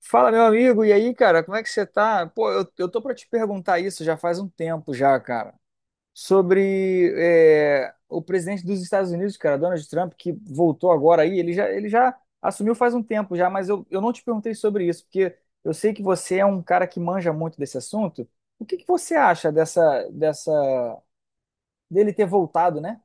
Fala, meu amigo, e aí, cara, como é que você tá? Pô, eu tô pra te perguntar isso já faz um tempo já, cara, sobre o presidente dos Estados Unidos, cara, Donald Trump, que voltou agora aí, ele já assumiu faz um tempo já, mas eu não te perguntei sobre isso, porque eu sei que você é um cara que manja muito desse assunto. O que que você acha dele ter voltado, né?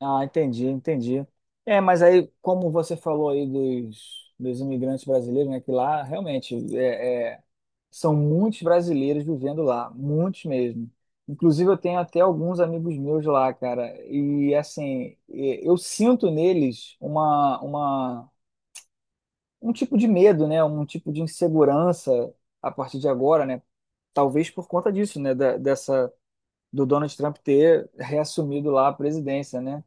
Ah, entendi, entendi. É, mas aí, como você falou aí dos imigrantes brasileiros, né, que lá realmente são muitos brasileiros vivendo lá, muitos mesmo. Inclusive, eu tenho até alguns amigos meus lá, cara. E assim, eu sinto neles um tipo de medo, né? Um tipo de insegurança a partir de agora, né? Talvez por conta disso, né? Dessa, do Donald Trump ter reassumido lá a presidência, né?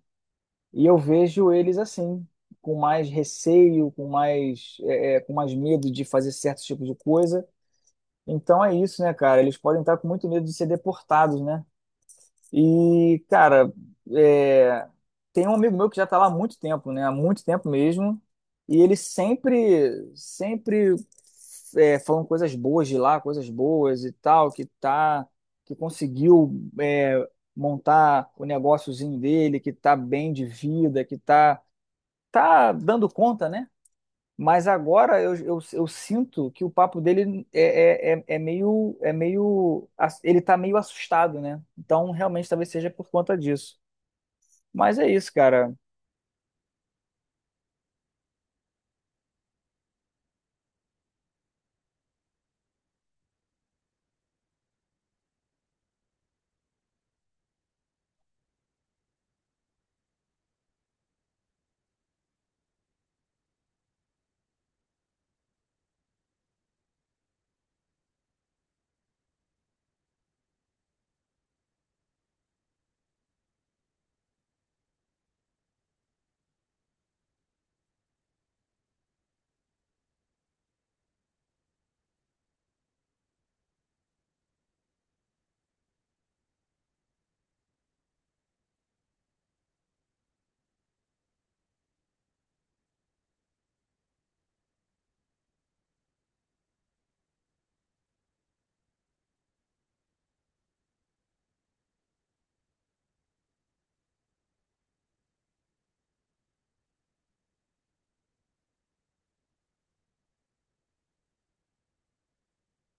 E eu vejo eles assim, com mais receio, com mais, com mais medo de fazer certos tipos de coisa. Então é isso, né, cara? Eles podem estar com muito medo de ser deportados, né? E, cara, é, tem um amigo meu que já tá lá há muito tempo, né? Há muito tempo mesmo. E ele sempre, sempre falando coisas boas de lá, coisas boas e tal, que tá, que conseguiu é, montar o negóciozinho dele, que tá bem de vida, que tá, tá dando conta, né? Mas agora eu sinto que o papo dele é meio, ele tá meio assustado, né? Então realmente talvez seja por conta disso. Mas é isso, cara.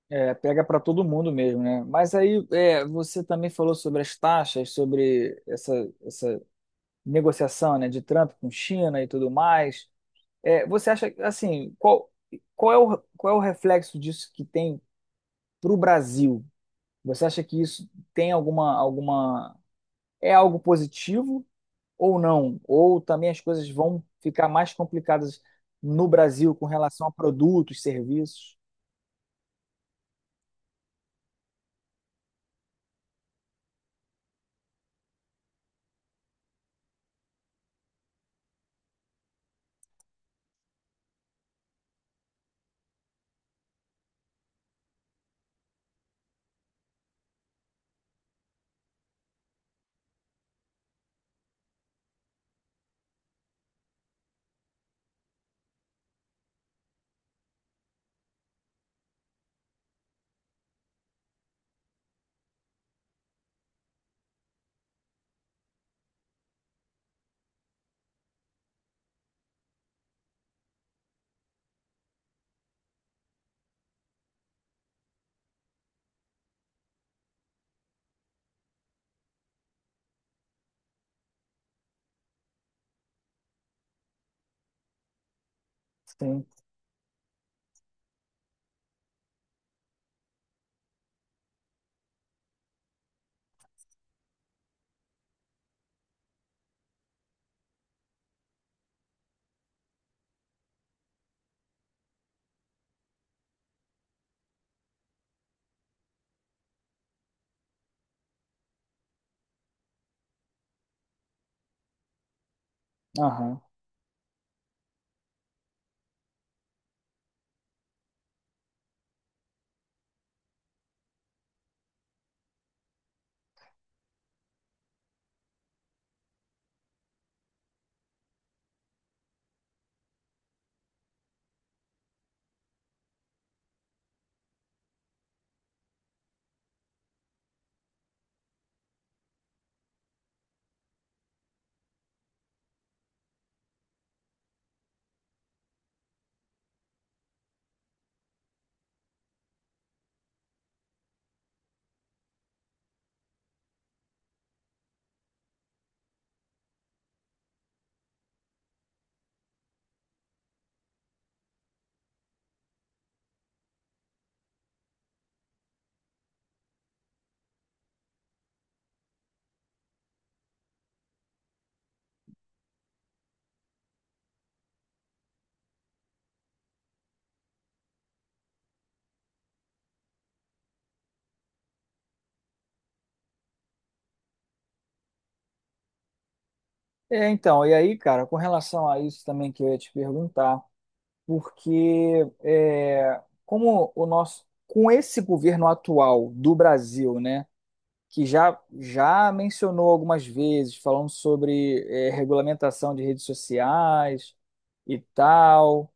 É, pega para todo mundo mesmo, né? Mas aí é, você também falou sobre as taxas, sobre essa negociação, né, de Trump com China e tudo mais. É, você acha assim, qual é qual é o reflexo disso que tem para o Brasil? Você acha que isso tem alguma é algo positivo ou não? Ou também as coisas vão ficar mais complicadas no Brasil com relação a produtos, serviços? Sim. Aham. É, então, e aí, cara, com relação a isso também que eu ia te perguntar, porque é, como o nosso, com esse governo atual do Brasil, né, que já já mencionou algumas vezes, falando sobre regulamentação de redes sociais e tal.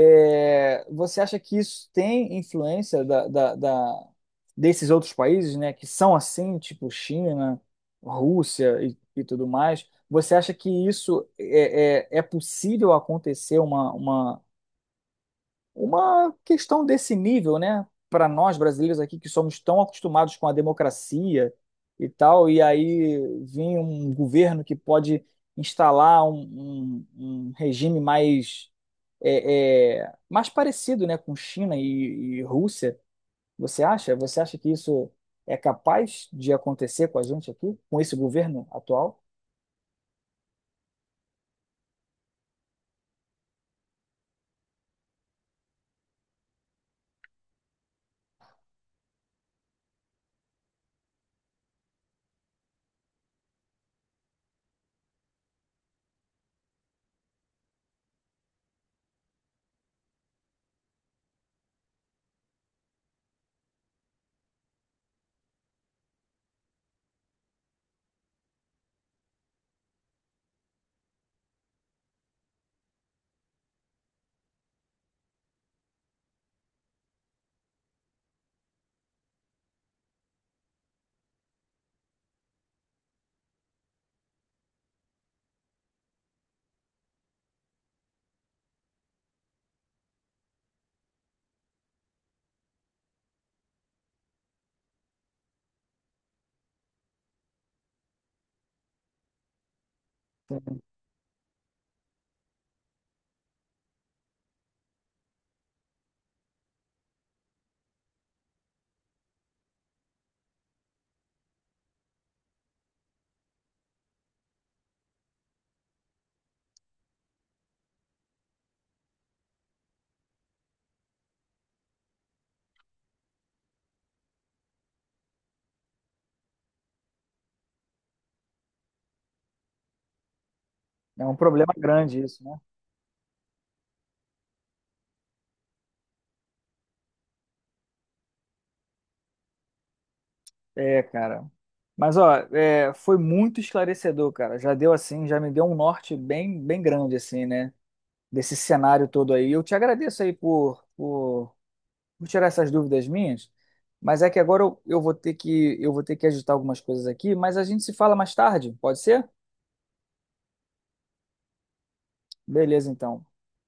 É, você acha que isso tem influência desses outros países, né, que são assim, tipo China, Rússia e tudo mais? Você acha que isso é possível acontecer uma questão desse nível, né, para nós brasileiros aqui que somos tão acostumados com a democracia e tal, e aí vem um governo que pode instalar um regime mais mais parecido, né, com China e Rússia. Você acha? Você acha que isso é capaz de acontecer com a gente aqui, com esse governo atual? É um problema grande isso, né? É, cara. Mas, ó, é, foi muito esclarecedor, cara. Já deu assim, já me deu um norte bem, bem grande, assim, né? Desse cenário todo aí. Eu te agradeço aí por tirar essas dúvidas minhas. Mas é que agora eu vou ter que ajustar algumas coisas aqui. Mas a gente se fala mais tarde, pode ser? Beleza, então.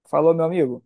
Falou, meu amigo.